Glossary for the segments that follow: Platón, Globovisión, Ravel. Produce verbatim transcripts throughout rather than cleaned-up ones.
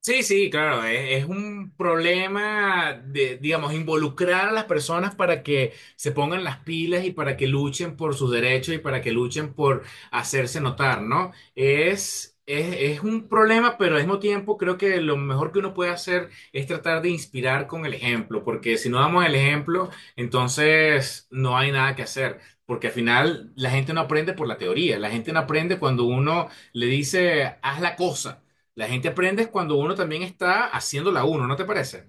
Sí, sí, claro, es, es un problema de, digamos, involucrar a las personas para que se pongan las pilas y para que luchen por sus derechos y para que luchen por hacerse notar, ¿no? Es, es, es un problema, pero al mismo tiempo creo que lo mejor que uno puede hacer es tratar de inspirar con el ejemplo, porque si no damos el ejemplo, entonces no hay nada que hacer. Porque al final la gente no aprende por la teoría, la gente no aprende cuando uno le dice, haz la cosa. La gente aprende es cuando uno también está haciéndola uno, ¿no te parece?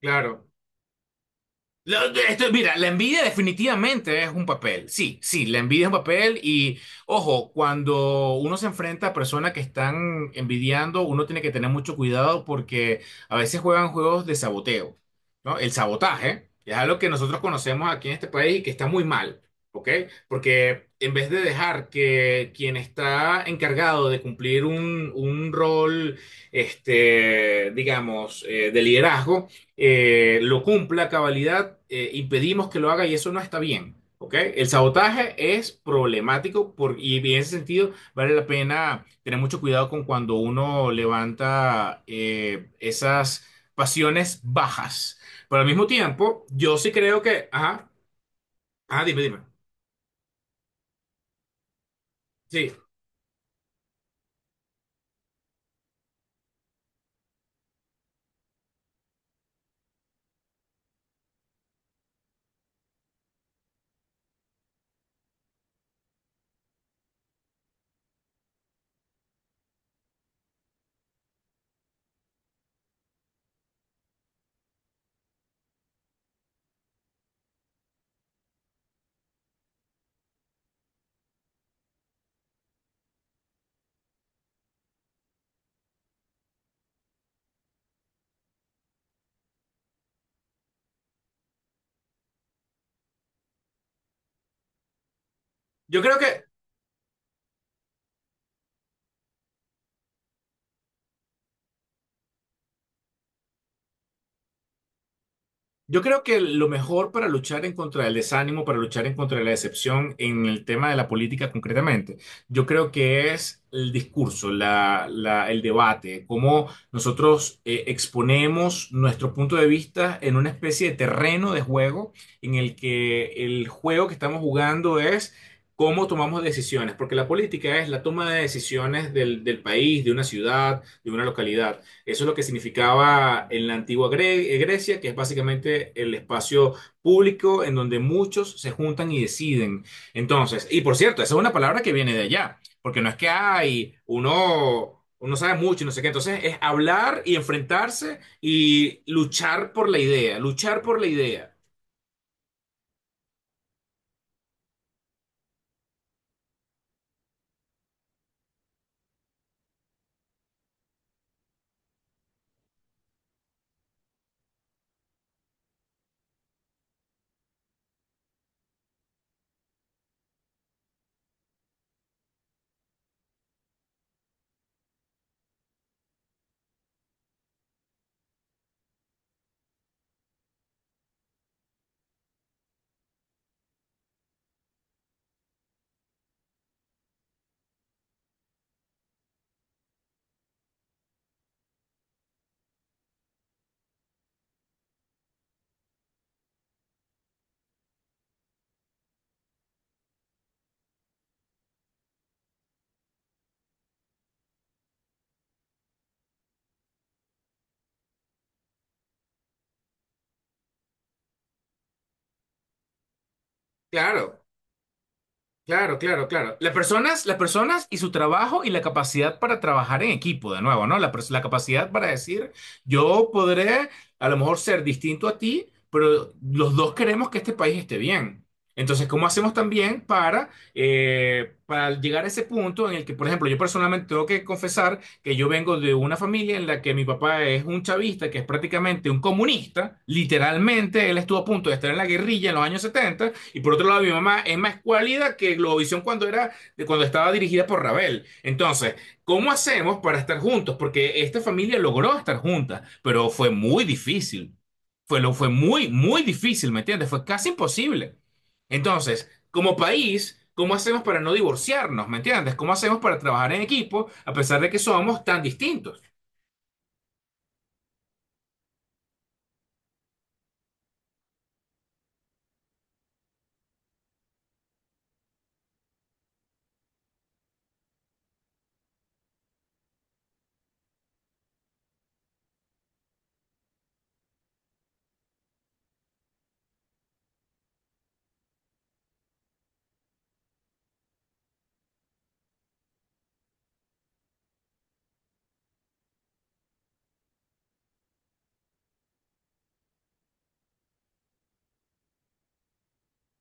Claro. Lo- esto- Mira, la envidia definitivamente es un papel. Sí, sí, la envidia es un papel y ojo, cuando uno se enfrenta a personas que están envidiando, uno tiene que tener mucho cuidado porque a veces juegan juegos de saboteo, ¿no? El sabotaje es algo que nosotros conocemos aquí en este país y que está muy mal, ¿ok? Porque en vez de dejar que quien está encargado de cumplir un, un rol, este, digamos, eh, de liderazgo, eh, lo cumpla a cabalidad, eh, impedimos que lo haga y eso no está bien. ¿Ok? El sabotaje es problemático por, y en ese sentido vale la pena tener mucho cuidado con cuando uno levanta eh, esas pasiones bajas. Pero al mismo tiempo, yo sí creo que... Ajá, ah, dime, dime. Sí, yo creo que Yo creo que lo mejor para luchar en contra del desánimo, para luchar en contra de la decepción en el tema de la política concretamente, yo creo que es el discurso, la- la- el debate, cómo nosotros eh, exponemos nuestro punto de vista en una especie de terreno de juego en el que el juego que estamos jugando es cómo tomamos decisiones, porque la política es la toma de decisiones del del país, de una ciudad, de una localidad. Eso es lo que significaba en la antigua Gre- eh, Grecia, que es básicamente el espacio público en donde muchos se juntan y deciden. Entonces, y por cierto, esa es una palabra que viene de allá, porque no es que hay uno, uno sabe mucho y no sé qué. Entonces, es hablar y enfrentarse y luchar por la idea, luchar por la idea. Claro. Claro, claro, claro. Las personas, las personas y su trabajo y la capacidad para trabajar en equipo, de nuevo, ¿no? La, pers- la capacidad para decir, yo podré a lo mejor ser distinto a ti, pero los dos queremos que este país esté bien. Entonces, ¿cómo hacemos también para, eh, para llegar a ese punto en el que, por ejemplo, yo personalmente tengo que confesar que yo vengo de una familia en la que mi papá es un chavista, que es prácticamente un comunista, literalmente él estuvo a punto de estar en la guerrilla en los años setenta y por otro lado mi mamá es más cualida que Globovisión cuando era, cuando estaba dirigida por Ravel. Entonces, ¿cómo hacemos para estar juntos? Porque esta familia logró estar junta, pero fue muy difícil. Fue, lo, fue muy, muy difícil, ¿me entiendes? Fue casi imposible. Entonces, como país, ¿cómo hacemos para no divorciarnos? ¿Me entiendes? ¿Cómo hacemos para trabajar en equipo a pesar de que somos tan distintos?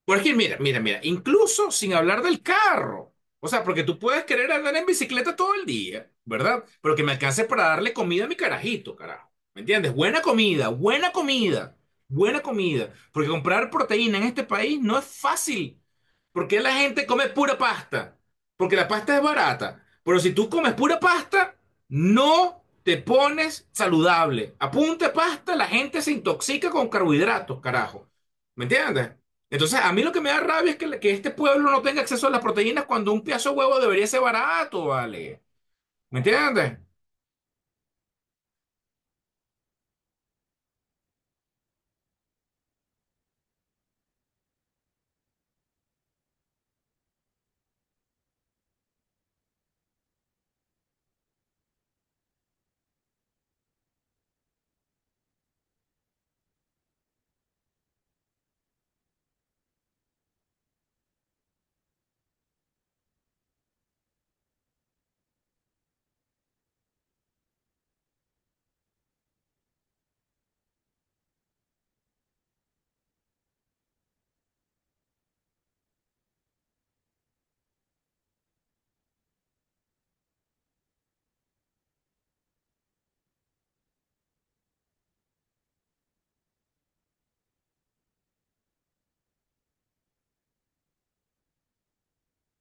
Porque mira, mira, mira, incluso sin hablar del carro. O sea, porque tú puedes querer andar en bicicleta todo el día, ¿verdad? Pero que me alcance para darle comida a mi carajito, carajo. ¿Me entiendes? Buena comida, buena comida, buena comida. Porque comprar proteína en este país no es fácil. Porque la gente come pura pasta. Porque la pasta es barata. Pero si tú comes pura pasta, no te pones saludable. Apunte pasta, la gente se intoxica con carbohidratos, carajo. ¿Me entiendes? Entonces, a mí lo que me da rabia es que, que este pueblo no tenga acceso a las proteínas cuando un pedazo de huevo debería ser barato, ¿vale? ¿Me entiendes?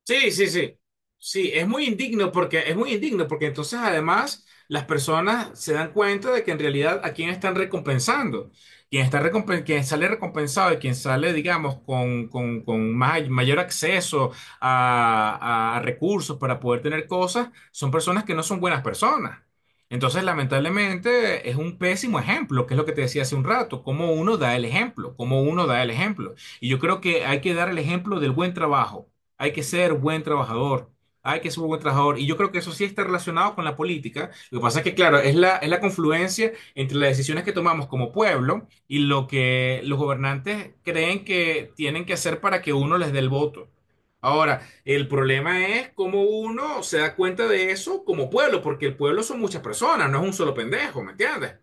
Sí, sí, sí. Sí, es muy indigno porque es muy indigno porque entonces además las personas se dan cuenta de que en realidad a quién están recompensando. Quien está recompen- quien sale recompensado y quien sale, digamos, con, con, con may- mayor acceso a, a recursos para poder tener cosas, son personas que no son buenas personas. Entonces, lamentablemente, es un pésimo ejemplo, que es lo que te decía hace un rato, cómo uno da el ejemplo, cómo uno da el ejemplo. Y yo creo que hay que dar el ejemplo del buen trabajo, hay que ser buen trabajador, hay que ser buen trabajador. Y yo creo que eso sí está relacionado con la política. Lo que pasa es que, claro, es la, es la confluencia entre las decisiones que tomamos como pueblo y lo que los gobernantes creen que tienen que hacer para que uno les dé el voto. Ahora, el problema es cómo uno se da cuenta de eso como pueblo, porque el pueblo son muchas personas, no es un solo pendejo, ¿me entiendes?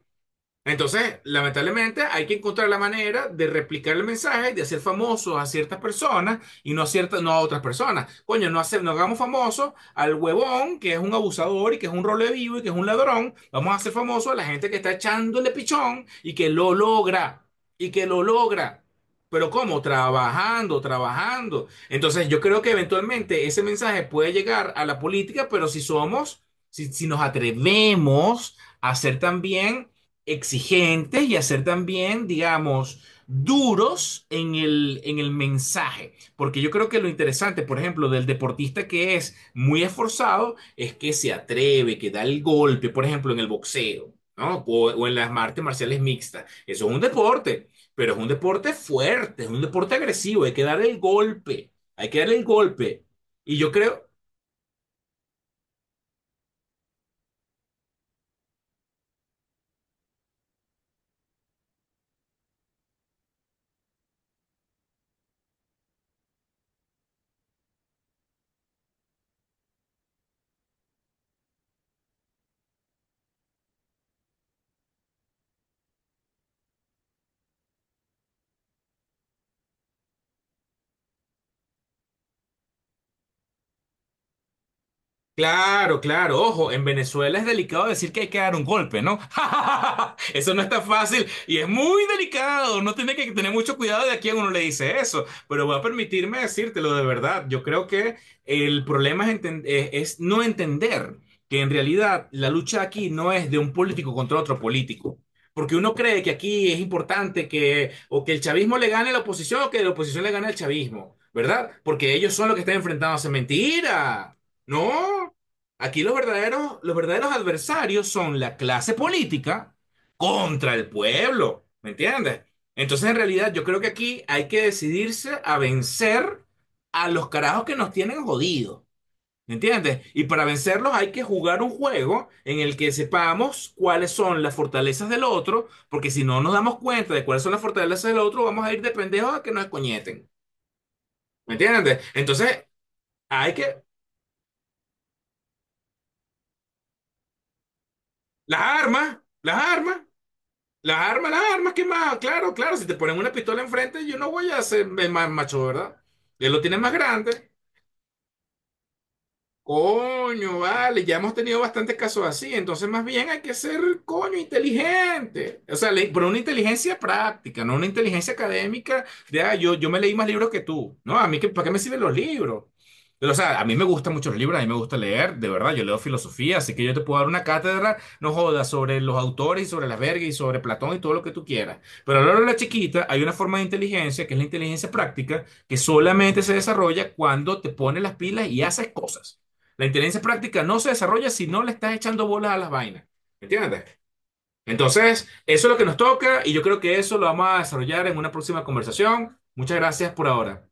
Entonces, lamentablemente, hay que encontrar la manera de replicar el mensaje, de hacer famosos a ciertas personas y no a ciertas, no a otras personas. Coño, no hacer, no hagamos famosos al huevón que es un abusador y que es un role vivo y que es un ladrón. Vamos a hacer famosos a la gente que está echándole pichón y que lo logra y que lo logra. Pero ¿cómo? Trabajando, trabajando. Entonces, yo creo que eventualmente ese mensaje puede llegar a la política, pero si somos, si, si nos atrevemos a ser también exigentes y a ser también, digamos, duros en el, en el mensaje. Porque yo creo que lo interesante, por ejemplo, del deportista que es muy esforzado es que se atreve, que da el golpe, por ejemplo, en el boxeo, ¿no? O, o en las artes marciales mixtas. Eso es un deporte, pero es un deporte fuerte, es un deporte agresivo, hay que dar el golpe, hay que darle el golpe. Y yo creo, Claro, claro, ojo, en Venezuela es delicado decir que hay que dar un golpe, ¿no? Eso no está fácil y es muy delicado, no tiene que tener mucho cuidado de a quién uno le dice eso, pero voy a permitirme decírtelo de verdad, yo creo que el problema es, enten- eh, es no entender que en realidad la lucha aquí no es de un político contra otro político. Porque uno cree que aquí es importante que o que el chavismo le gane a la oposición o que la oposición le gane al chavismo, ¿verdad? Porque ellos son los que están enfrentándose. Mentira. No, aquí los verdaderos, los verdaderos adversarios son la clase política contra el pueblo, ¿me entiendes? Entonces, en realidad, yo creo que aquí hay que decidirse a vencer a los carajos que nos tienen jodidos, ¿me entiendes? Y para vencerlos hay que jugar un juego en el que sepamos cuáles son las fortalezas del otro, porque si no nos damos cuenta de cuáles son las fortalezas del otro, vamos a ir de pendejos a que nos escoñeten, ¿me entiendes? Entonces, hay que... Las armas, las armas. Las armas, las armas, ¿qué más? Claro, claro, si te ponen una pistola enfrente, yo no voy a ser el más macho, ¿verdad? Él lo tiene más grande. Coño, vale, ya hemos tenido bastantes casos así, entonces más bien hay que ser, coño, inteligente. O sea, le- pero una inteligencia práctica, no una inteligencia académica de, ah, yo, yo me leí más libros que tú. No, a mí, ¿qué- ¿para qué me sirven los libros? Pero, o sea, a mí me gustan mucho los libros, a mí me gusta leer, de verdad, yo leo filosofía, así que yo te puedo dar una cátedra, no jodas, sobre los autores y sobre las vergas y sobre Platón y todo lo que tú quieras. Pero a lo largo de la chiquita hay una forma de inteligencia, que es la inteligencia práctica, que solamente se desarrolla cuando te pones las pilas y haces cosas. La inteligencia práctica no se desarrolla si no le estás echando bolas a las vainas. ¿Me ¿Entiendes? Entonces, eso es lo que nos toca y yo creo que eso lo vamos a desarrollar en una próxima conversación. Muchas gracias por ahora.